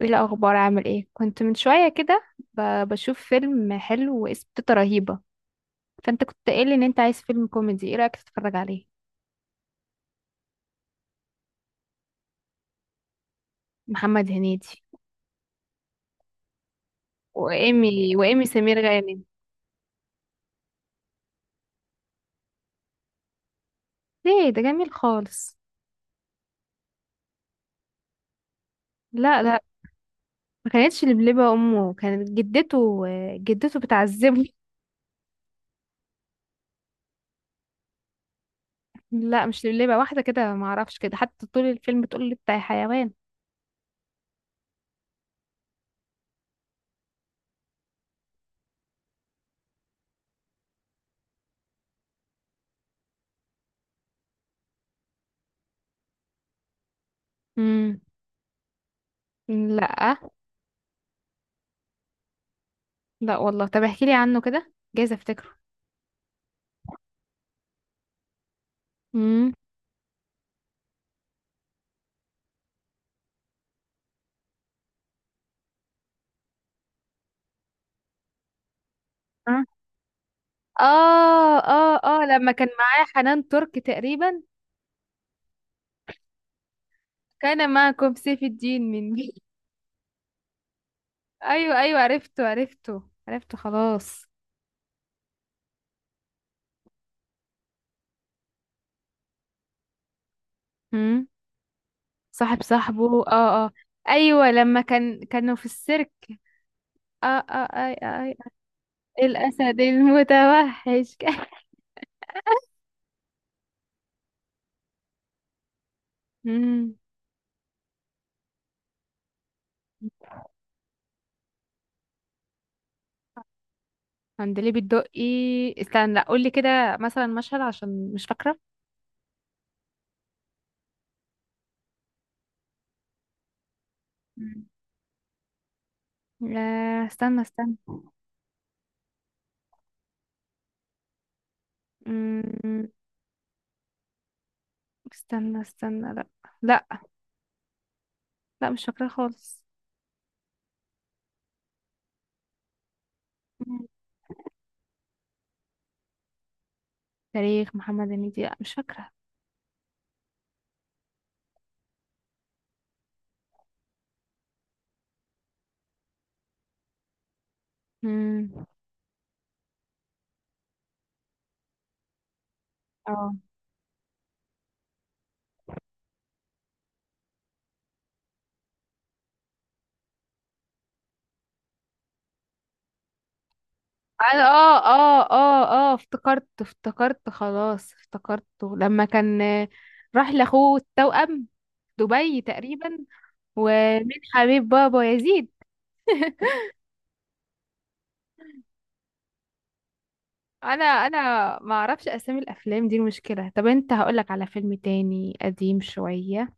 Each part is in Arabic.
ايه الاخبار، عامل ايه؟ كنت من شويه كده، بشوف فيلم حلو واسمه تيتا رهيبه. فانت كنت قايل ان انت عايز فيلم كوميدي، ايه رايك تتفرج عليه؟ محمد هنيدي. وايمي سمير غانم. ليه؟ ده جميل خالص. لا، لا. ما كانتش لبلبه امه، كانت جدته. جدته بتعذبه. لا، مش لبلبه، واحده كده ما اعرفش، كده حتى طول الفيلم تقول لي بتاع حيوان. امم. لا. لا والله، طب احكي لي عنه كده، جايز افتكره. امم. اه، اه، اه، لما كان معاه حنان ترك تقريبا. كان معكم سيف الدين من مين؟ ايوه، ايوه، عرفته عرفته عرفته، خلاص. هم. صاحب صاحبه، اه، اه. ايوه، لما كانوا في السيرك. اه، اه، اي، اي، اي. الاسد المتوحش. امم. عندليب الدقي. استنى، لا قول لي كده مثلا مشهد عشان مش فاكره. مم. لا. استنى استنى. مم. استنى استنى، لا. لا. لا، مش فاكره خالص. تاريخ محمد هنيدي؟ لأ، مش فاكرة. مم. اه، افتكرت افتكرت، خلاص افتكرته. لما كان راح لاخوه التوأم، دبي تقريبا. ومن حبيب بابا يزيد. انا ما اعرفش اسامي الافلام دي، المشكله. طب انت هقولك على فيلم تاني قديم شويه.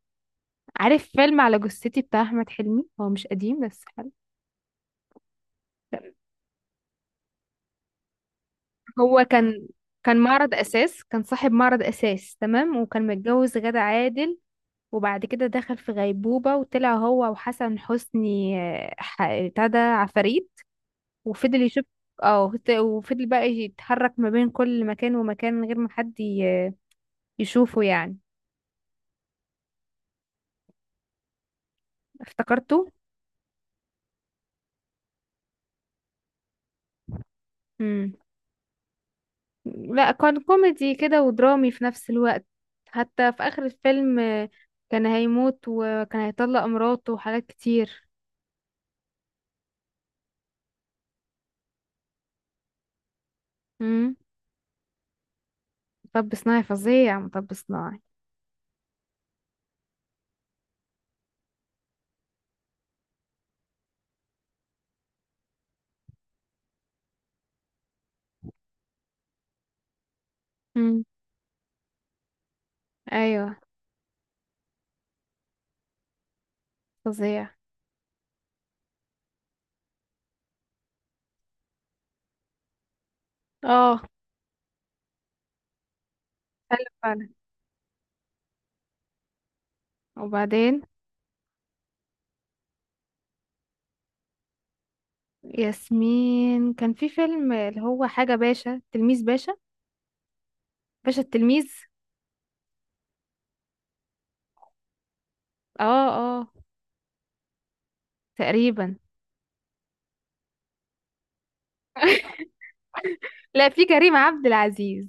عارف فيلم على جثتي بتاع احمد حلمي؟ هو مش قديم بس حلو. هو كان معرض اساس، كان صاحب معرض اساس، تمام، وكان متجوز غادة عادل. وبعد كده دخل في غيبوبة وطلع هو وحسن حسني، بتاع ده عفاريت. وفضل يشوف. اه، وفضل بقى يتحرك ما بين كل مكان ومكان من غير ما حد يشوفه يعني. افتكرته. امم. لا، كان كوميدي كده ودرامي في نفس الوقت. حتى في اخر الفيلم كان هيموت وكان هيطلق مراته وحاجات كتير. مم. مطب صناعي فظيع، مطب صناعي. مم. ايوه. فظيع. اه. حلو فعلا. وبعدين ياسمين كان في فيلم اللي هو حاجة، باشا تلميذ باشا. باشا التلميذ. اه، اه، تقريبا. لا، في كريم عبد العزيز.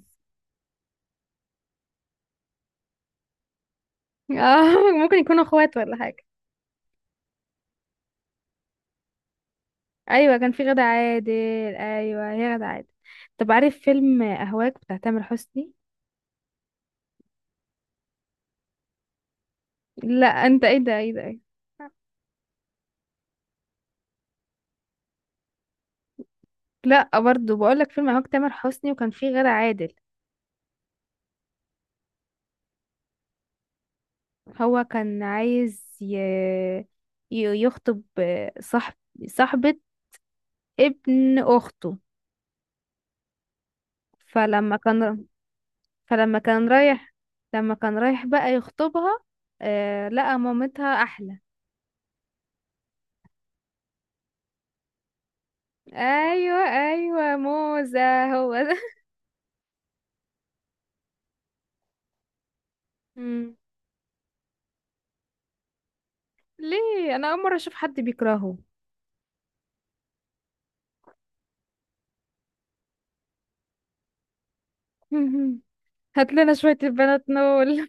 اه، ممكن يكونوا اخوات ولا حاجة. ايوه، كان في غادة عادل. ايوه، هي غادة عادل. طب عارف فيلم اهواك بتاع تامر حسني؟ لا، انت ايه ده، ايه ده إيه؟ ده؟ لا، برضو بقول لك فيلم اهواك تامر حسني، وكان في غادة عادل. هو كان عايز يخطب صاحب صاحبة ابن أخته. فلما كان فلما كان رايح، لما كان رايح بقى يخطبها. لقى مامتها أحلى. أيوة، أيوة، موزة. هو ده. مم. ليه؟ أنا أول مرة أشوف حد بيكرهه. هات لنا شوية البنات نول.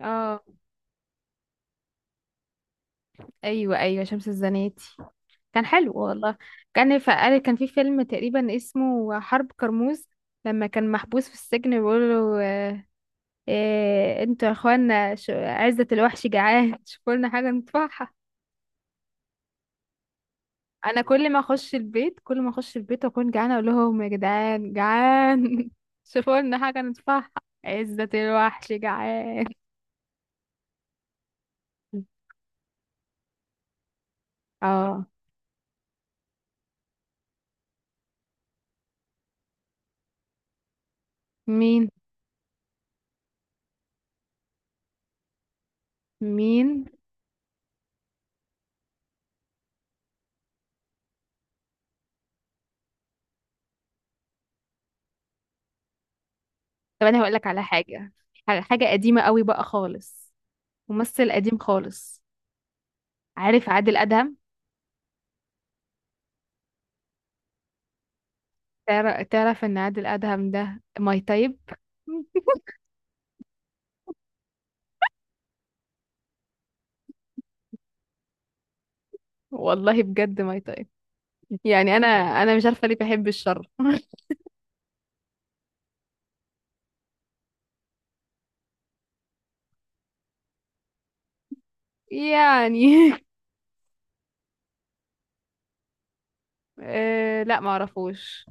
اه، أيوة، أيوة، شمس الزناتي. كان حلو والله. كان في فيلم تقريبا اسمه حرب كرموز. لما كان محبوس في السجن بيقول له انتوا يا اخوانا، عزة الوحش جعان، شوفوا لنا حاجة ندفعها. انا كل ما اخش البيت، كل ما اخش البيت واكون جعانة اقول لهم يا جدعان، جعان شوفوا لنا حاجة ندفعها. عزة الوحش جعان. اه. مين؟ مين؟ طب انا هقول لك على حاجة، حاجة حاجة قديمة قوي بقى خالص. ممثل قديم خالص. عارف عادل أدهم؟ تعرف ان عادل أدهم ده ماي تايب. والله بجد ماي تايب. يعني انا مش عارفه ليه بحب الشر. يعني. آه لا، ما اعرفوش.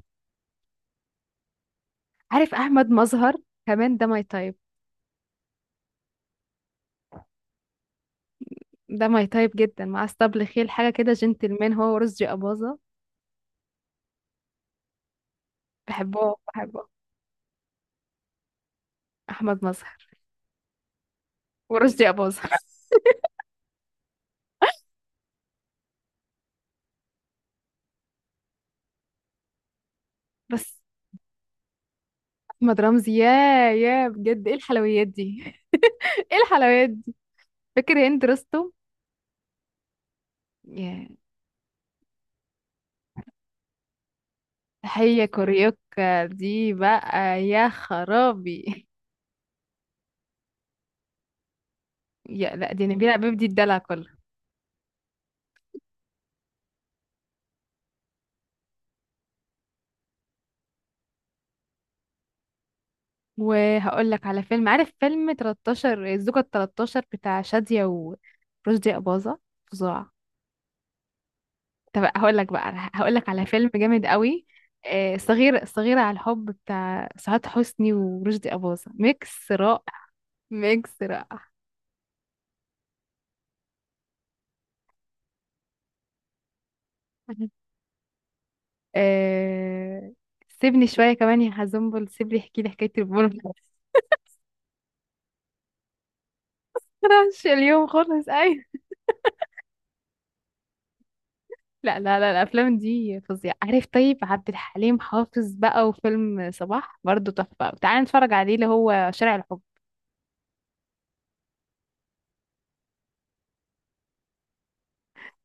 عارف احمد مظهر؟ كمان ده ماي تايب. ده ماي تايب جدا، مع اسطبل خيل حاجه كده جنتلمان، هو ورشدي اباظه. بحبه، بحبه. احمد مظهر. ورشدي اباظه. بس، احمد رمزي، يا، يا بجد ايه الحلويات دي. ايه الحلويات دي. فاكر هند رستم؟ يا. هي كوريوكا دي بقى يا خرابي. يا، لا دي نبيلة بيب، دي الدلع كله. وهقول لك على فيلم، عارف فيلم 13، الزوجة ال 13 بتاع شادية ورشدي أباظة، فظاع. طب هقول لك على فيلم جامد قوي. صغيرة على الحب بتاع سعاد حسني ورشدي أباظة، ميكس رائع. ميكس رائع. آه، سيبني شوية كمان يا حزنبل، سيبني احكي لي حكاية البون. مش اليوم خالص، أيوة. لا، لا، لا، الافلام دي فظيعه، عارف طيب عبد الحليم حافظ بقى وفيلم صباح برضو تحفه، تعالى نتفرج عليه اللي هو شارع الحب.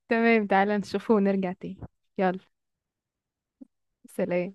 تمام، تعالى نشوفه ونرجع تاني. يلا. سلام.